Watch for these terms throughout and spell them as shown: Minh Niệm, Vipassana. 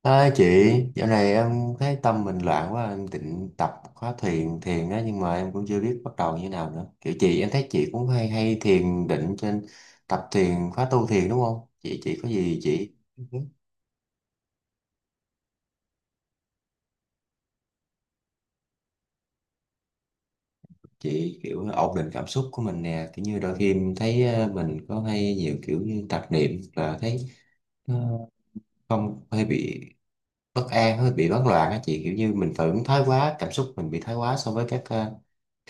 À, chị, dạo này em thấy tâm mình loạn quá, em định tập khóa thiền thiền đó nhưng mà em cũng chưa biết bắt đầu như nào nữa. Kiểu chị em thấy chị cũng hay hay thiền định trên tập thiền khóa tu thiền đúng không? Chị có gì chị kiểu ổn định cảm xúc của mình nè, kiểu như đôi khi em thấy mình có hay nhiều kiểu như tạp niệm là thấy ờ, không hay bị bất an hơi bị hoảng loạn á chị, kiểu như mình phải ứng thái quá, cảm xúc mình bị thái quá so với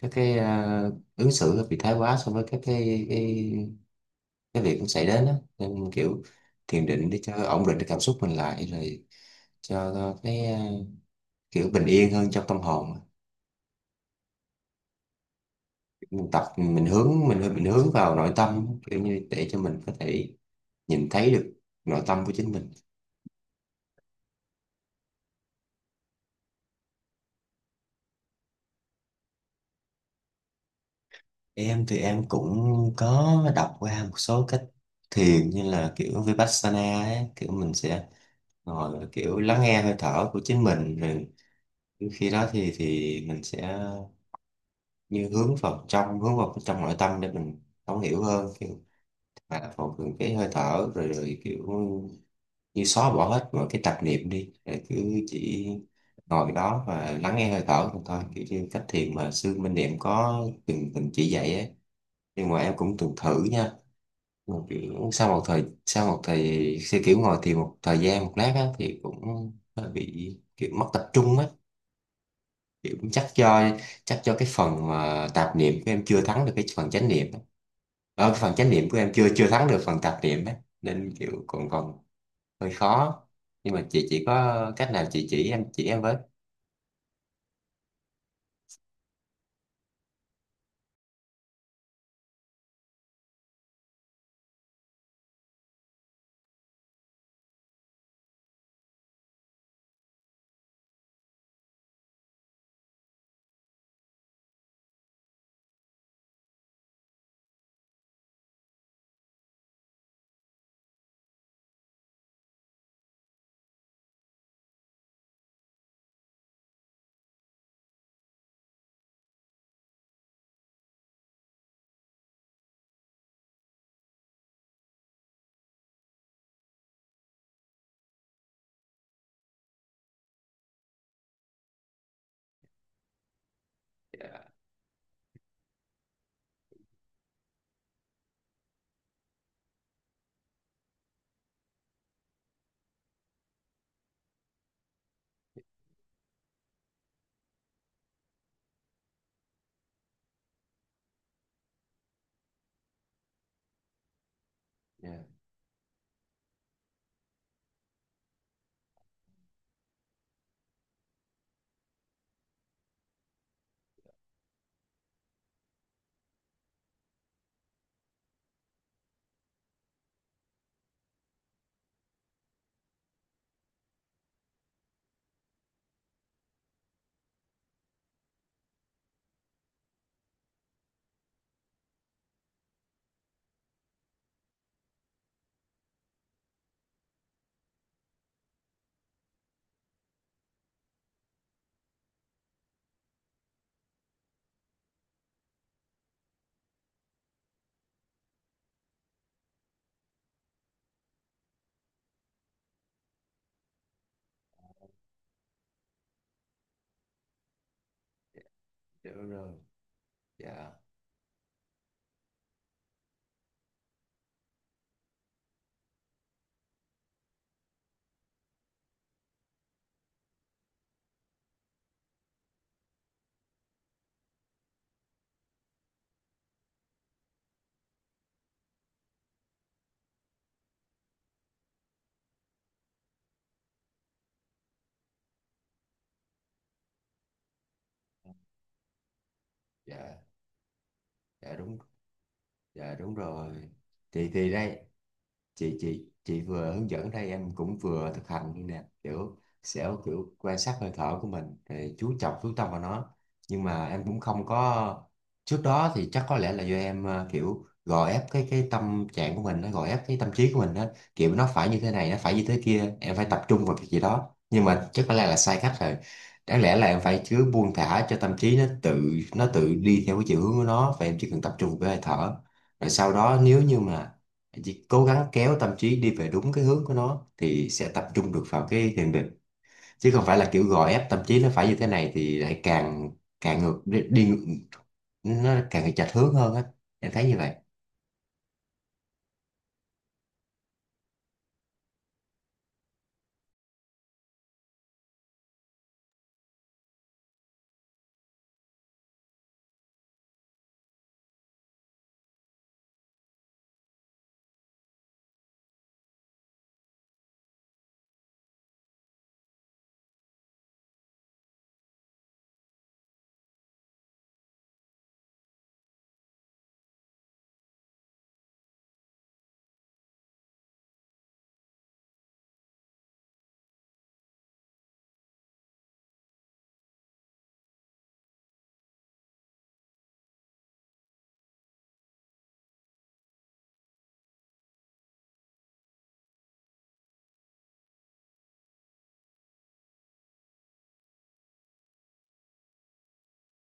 các ứng xử bị thái quá so với cái việc cũng xảy đến á, nên kiểu thiền định để cho ổn định cái cảm xúc mình lại, rồi cho kiểu bình yên hơn trong tâm hồn á. Mình tập mình hướng mình hướng vào nội tâm kiểu như để cho mình có thể nhìn thấy được nội tâm của chính mình. Em thì em cũng có đọc qua một số cách thiền như là kiểu Vipassana ấy, kiểu mình sẽ ngồi và kiểu lắng nghe hơi thở của chính mình rồi khi đó thì mình sẽ như hướng vào trong nội tâm để mình thấu hiểu hơn, kiểu mà phòng ngừa cái hơi thở rồi, kiểu như xóa bỏ hết mọi cái tạp niệm đi rồi cứ chỉ ngồi đó và lắng nghe hơi thở thôi thôi, kiểu như cách thiền mà sư Minh Niệm có từng từng chỉ dạy ấy. Nhưng mà em cũng từng thử nha, một sau một thời sẽ kiểu ngồi thì một thời gian, một lát á, thì cũng hơi bị kiểu mất tập trung á. Kiểu chắc do cái phần mà tạp niệm của em chưa thắng được cái phần chánh niệm á. Ờ, cái phần chánh niệm của em chưa chưa thắng được phần tạp niệm á, nên kiểu còn còn hơi khó, nhưng mà chị chỉ có cách nào chị chỉ em, chỉ em với. Dạ, dạ đúng rồi. Dạ, dạ, dạ đúng. Dạ đúng rồi. Thì đây chị vừa hướng dẫn, đây em cũng vừa thực hành như nè, kiểu sẽ kiểu quan sát hơi thở của mình rồi chú trọng chú tâm vào nó. Nhưng mà em cũng không có, trước đó thì chắc có lẽ là do em kiểu gò ép cái tâm trạng của mình, nó gò ép cái tâm trí của mình đó, kiểu nó phải như thế này, nó phải như thế kia, em phải tập trung vào cái gì đó, nhưng mà chắc có lẽ là sai cách rồi. Đáng lẽ là em phải cứ buông thả cho tâm trí nó tự, nó tự đi theo cái chiều hướng của nó, và em chỉ cần tập trung vào cái hơi thở, rồi sau đó nếu như mà chỉ cố gắng kéo tâm trí đi về đúng cái hướng của nó thì sẽ tập trung được vào cái thiền định, chứ không phải là kiểu gò ép tâm trí nó phải như thế này thì lại càng càng ngược đi, nó càng chệch hướng hơn á. Em thấy như vậy.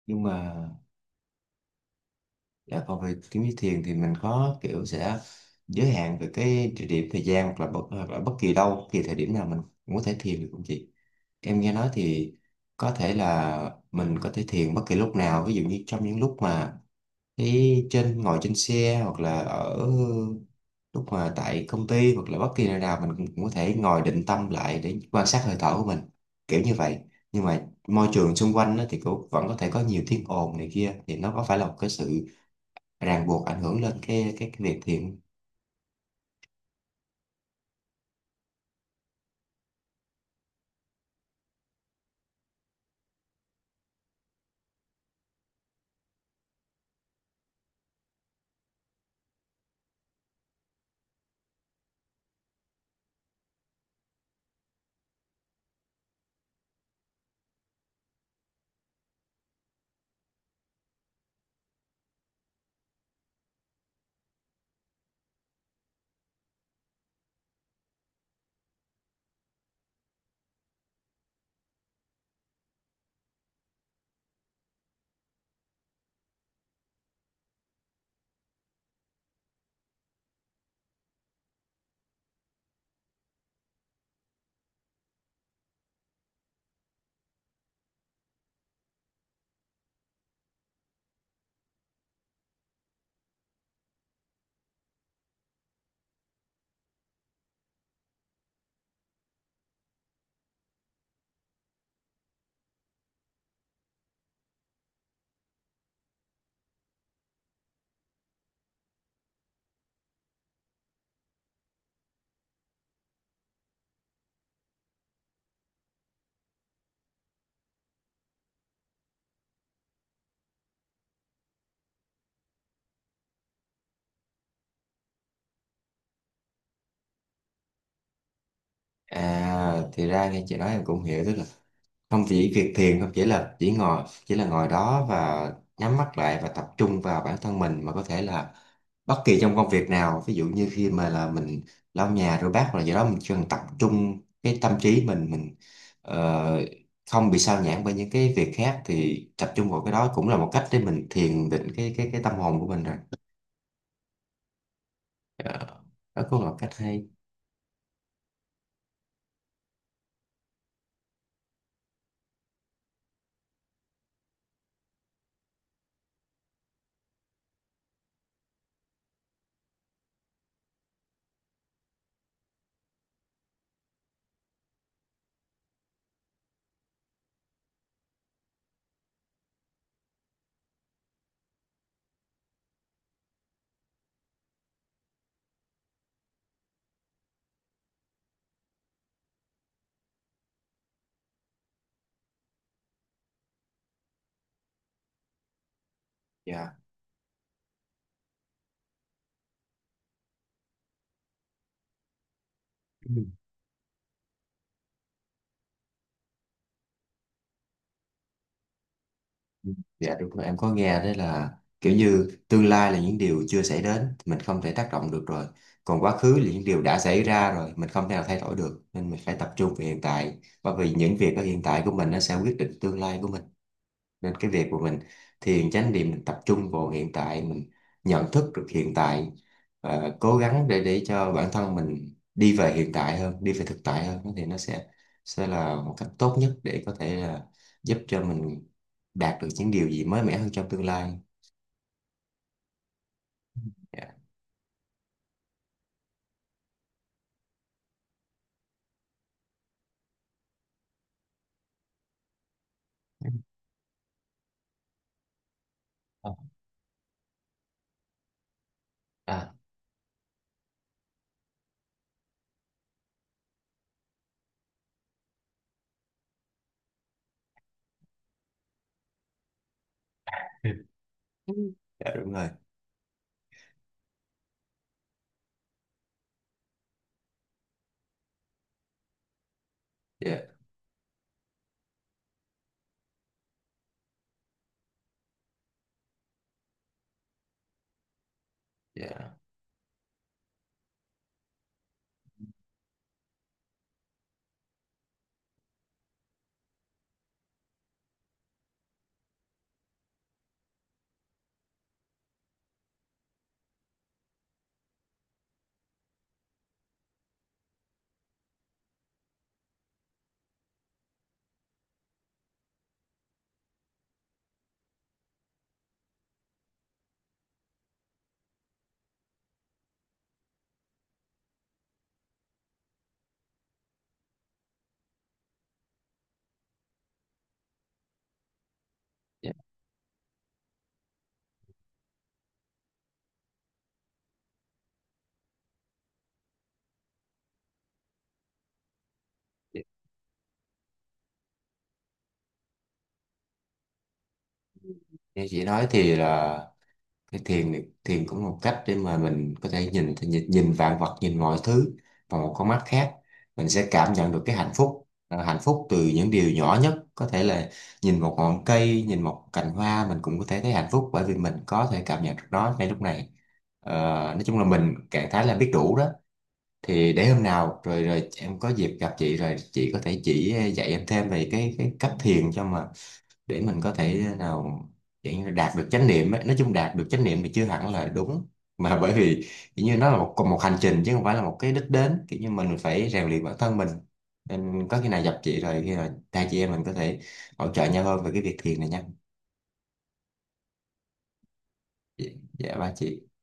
Nhưng mà dạ, còn về kiếm như thiền thì mình có kiểu sẽ giới hạn về cái địa điểm thời gian, hoặc là hoặc là bất kỳ đâu, bất kỳ thời điểm nào mình cũng có thể thiền được không chị? Em nghe nói thì có thể là mình có thể thiền bất kỳ lúc nào, ví dụ như trong những lúc mà trên ngồi trên xe, hoặc là ở lúc mà tại công ty, hoặc là bất kỳ nơi nào mình cũng cũng có thể ngồi định tâm lại để quan sát hơi thở của mình, kiểu như vậy. Nhưng mà môi trường xung quanh đó thì cũng vẫn có thể có nhiều tiếng ồn này kia, thì nó có phải là một cái sự ràng buộc ảnh hưởng lên cái việc thiền. À, thì ra nghe chị nói em cũng hiểu, tức là không chỉ việc thiền, không chỉ là chỉ là ngồi đó và nhắm mắt lại và tập trung vào bản thân mình, mà có thể là bất kỳ trong công việc nào, ví dụ như khi mà là mình lau nhà rửa bát hoặc là gì đó, mình chỉ cần tập trung cái tâm trí mình ờ, không bị sao nhãng bởi những cái việc khác, thì tập trung vào cái đó cũng là một cách để mình thiền định cái cái tâm hồn của mình rồi. Ờ, đó cũng là một cách hay. Dạ. Dạ đúng rồi, em có nghe đấy là kiểu như tương lai là những điều chưa xảy đến, mình không thể tác động được rồi. Còn quá khứ là những điều đã xảy ra rồi, mình không thể nào thay đổi được. Nên mình phải tập trung về hiện tại, bởi vì những việc ở hiện tại của mình nó sẽ quyết định tương lai của mình, nên cái việc của mình thiền chánh niệm mình tập trung vào hiện tại, mình nhận thức được hiện tại và cố gắng để cho bản thân mình đi về hiện tại hơn, đi về thực tại hơn, thì nó sẽ là một cách tốt nhất để có thể là giúp cho mình đạt được những điều gì mới mẻ hơn trong tương lai. Dạ. Ờ, à. Dạ đúng rồi. Dạ, dạ. Dạ. Như chị nói thì là cái thiền này- thiền cũng là một cách để mà mình có thể nhìn nhìn, nhìn vạn vật, nhìn mọi thứ bằng một con mắt khác, mình sẽ cảm nhận được cái hạnh phúc, à, hạnh phúc từ những điều nhỏ nhất, có thể là nhìn một ngọn cây, nhìn một cành hoa, mình cũng có thể thấy hạnh phúc, bởi vì mình có thể cảm nhận được nó ngay lúc này. Ờ, nói chung là mình trạng thái là biết đủ đó. Thì để hôm nào rồi rồi em có dịp gặp chị rồi chị có thể chỉ dạy em thêm về cái cách thiền, cho mà để mình có thể nào kiểu như đạt được chánh niệm ấy. Nói chung đạt được chánh niệm thì chưa hẳn là đúng, mà bởi vì kiểu như nó là một một hành trình chứ không phải là một cái đích đến, kiểu như mình phải rèn luyện bản thân mình. Nên có khi nào gặp chị rồi, khi nào hai chị em mình có thể hỗ trợ nhau hơn về cái việc thiền này nha. Dạ, dạ ba chị.